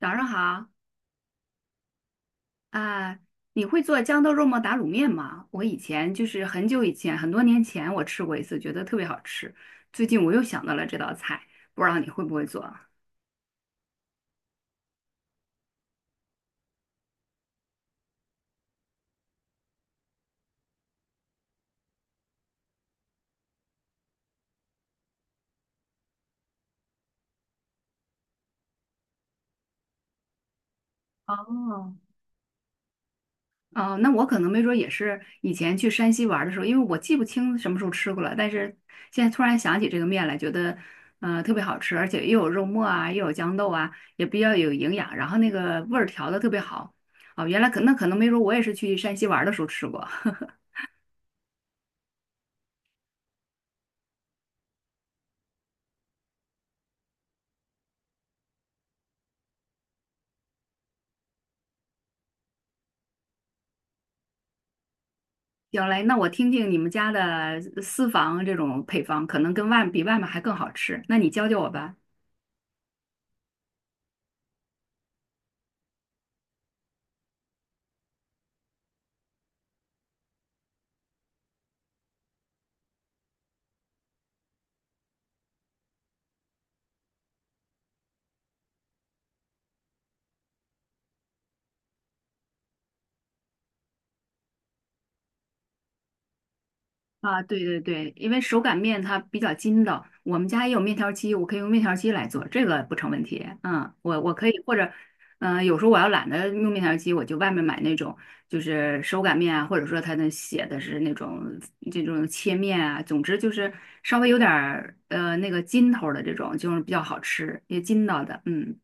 早上好啊，你会做豇豆肉末打卤面吗？我以前就是很久以前，很多年前我吃过一次，觉得特别好吃。最近我又想到了这道菜，不知道你会不会做？哦，哦，那我可能没准儿也是以前去山西玩儿的时候，因为我记不清什么时候吃过了，但是现在突然想起这个面来，觉得特别好吃，而且又有肉末啊，又有豇豆啊，也比较有营养，然后那个味儿调的特别好。哦，原来那可能没准儿我也是去山西玩儿的时候吃过。行嘞，那我听听你们家的私房这种配方，可能跟外面还更好吃。那你教教我吧。啊，对对对，因为手擀面它比较筋道，我们家也有面条机，我可以用面条机来做，这个不成问题。嗯，我可以或者，嗯、有时候我要懒得用面条机，我就外面买那种就是手擀面啊，或者说它那写的是这种切面啊，总之就是稍微有点儿那个筋头儿的这种，就是比较好吃，也筋道的。嗯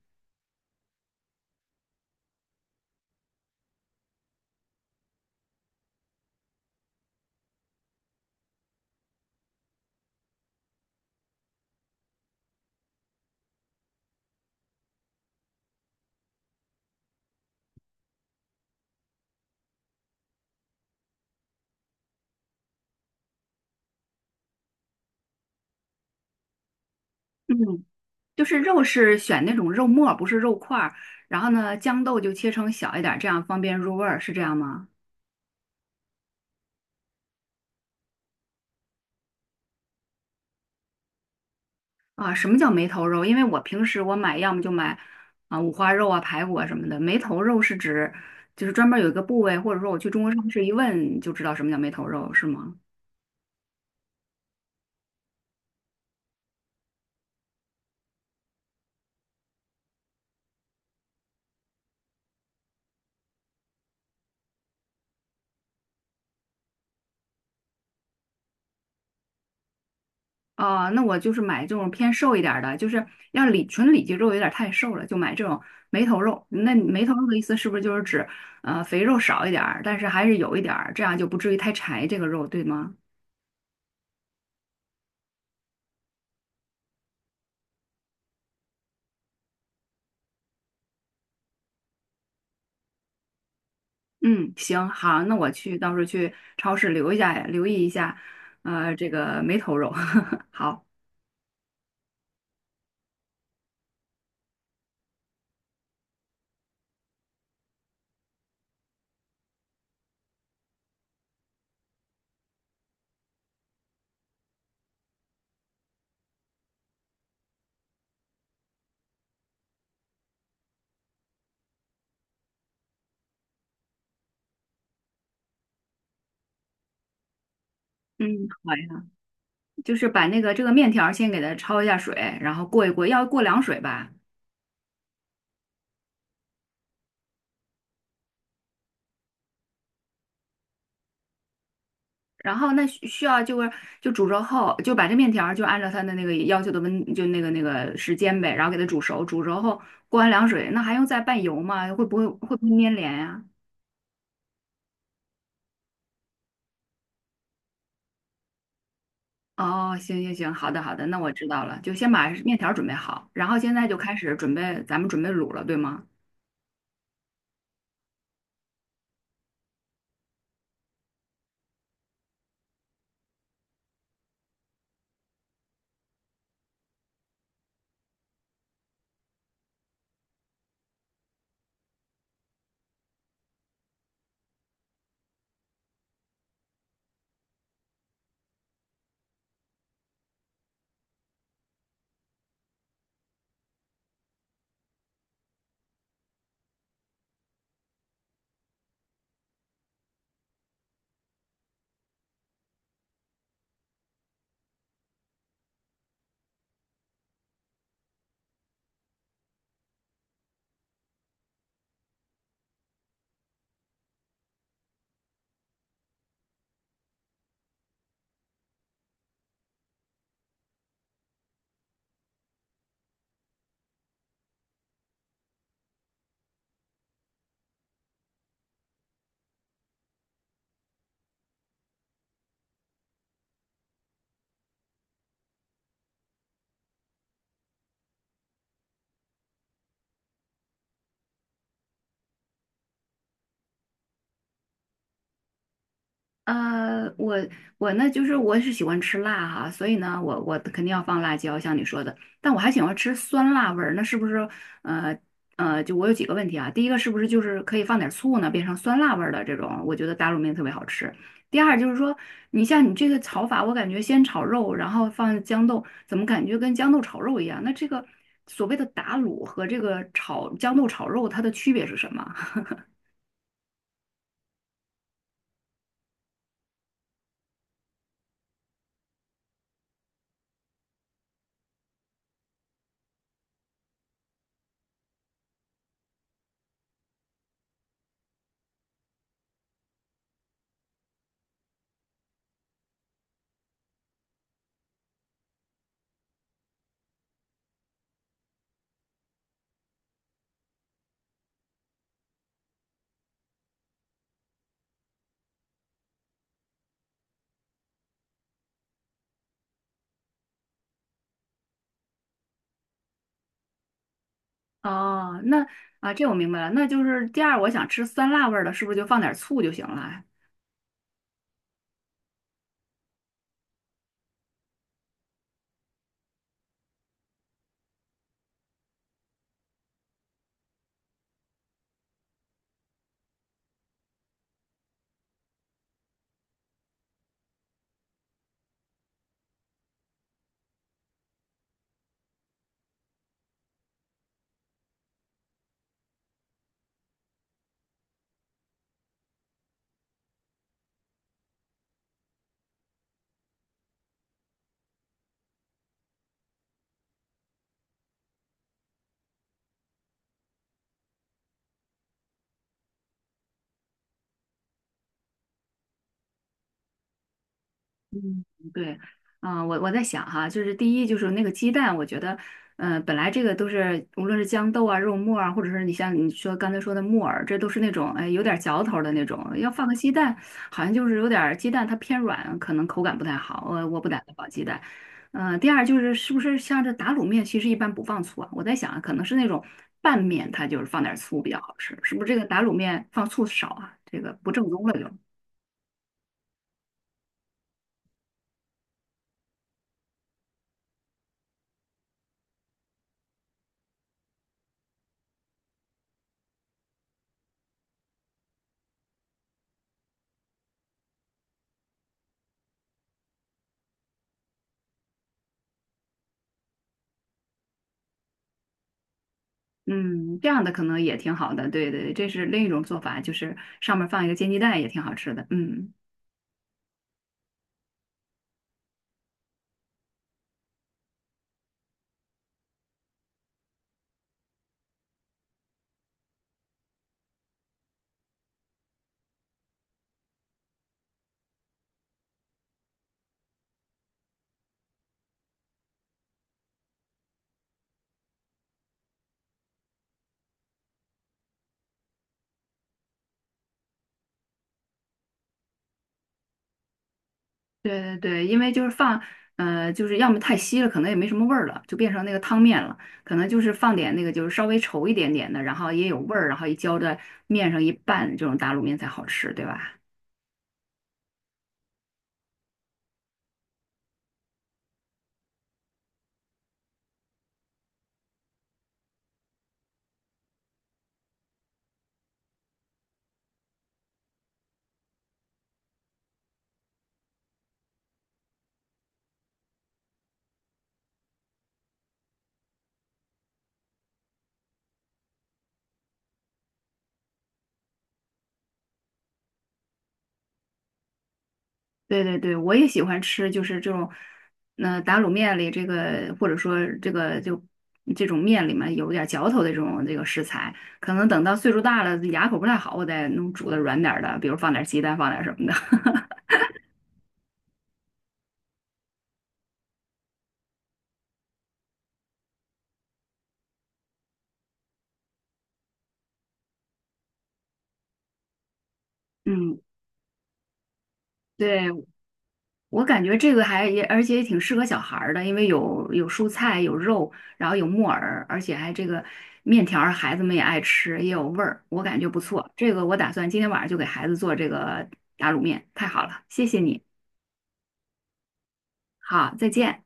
嗯，就是肉是选那种肉末儿不是肉块儿。然后呢，豇豆就切成小一点儿，这样方便入味儿，是这样吗？啊，什么叫梅头肉？因为我平时我买，要么就买啊五花肉啊、排骨啊什么的。梅头肉是指就是专门儿有一个部位，或者说我去中国超市一问就知道什么叫梅头肉，是吗？啊，那我就是买这种偏瘦一点儿的，就是要纯里脊肉有点儿太瘦了，就买这种梅头肉。那梅头肉的意思是不是就是指肥肉少一点儿，但是还是有一点儿，这样就不至于太柴这个肉，对吗？嗯，行，好，那我去，到时候去超市留意一下，这个梅头肉，好，嗯，好呀，就是把那个这个面条儿先给它焯一下水，然后过一过，要过凉水吧，然后那需要就是就煮熟后，就把这面条儿就按照它的那个要求的温，就那个时间呗，然后给它煮熟，煮熟后过完凉水，那还用再拌油吗？会不会粘连呀、哦，行行行，好的好的，那我知道了，就先把面条儿准备好，然后现在就开始准备，咱们准备卤了，对吗？呃，我我呢，就是我是喜欢吃辣哈，所以呢，我肯定要放辣椒，像你说的。但我还喜欢吃酸辣味儿，那是不是呃就我有几个问题啊？第一个是不是就是可以放点醋呢，变成酸辣味儿的这种？我觉得打卤面特别好吃。第二就是说，你像你这个炒法，我感觉先炒肉，然后放豇豆，怎么感觉跟豇豆炒肉一样？那这个所谓的打卤和这个炒豇豆炒肉，它的区别是什么？哦，那啊，这我明白了，那就是第二，我想吃酸辣味儿的，是不是就放点醋就行了啊？嗯，对，啊，我在想哈，就是第一就是那个鸡蛋，我觉得，嗯、本来这个都是无论是豇豆啊、肉末啊，或者是你像刚才说的木耳，这都是那种哎有点嚼头儿的那种，要放个鸡蛋，好像就是有点儿鸡蛋它偏软，可能口感不太好，我不打算放鸡蛋。嗯、第二就是是不是像这打卤面，其实一般不放醋啊？我在想啊，可能是那种拌面，它就是放点儿醋比较好吃，是不是这个打卤面放醋少啊？这个不正宗了就。嗯，这样的可能也挺好的，对对，这是另一种做法，就是上面放一个煎鸡蛋也挺好吃的。嗯，对对对，因为就是放，就是要么太稀了，可能也没什么味儿了，就变成那个汤面了。可能就是放点那个，就是稍微稠一点点的，然后也有味儿，然后一浇在面上一拌，这种打卤面才好吃，对吧？对对对，我也喜欢吃，就是这种，打卤面里这个，或者说这个就这种面里面有点嚼头的这种这个食材，可能等到岁数大了，牙口不太好，我再弄煮的软点儿的，比如放点鸡蛋，放点什么的。嗯，对，我感觉这个还也，而且也挺适合小孩儿的，因为有蔬菜，有肉，然后有木耳，而且还这个面条儿孩子们也爱吃，也有味儿，我感觉不错。这个我打算今天晚上就给孩子做这个打卤面，太好了，谢谢你。好，再见。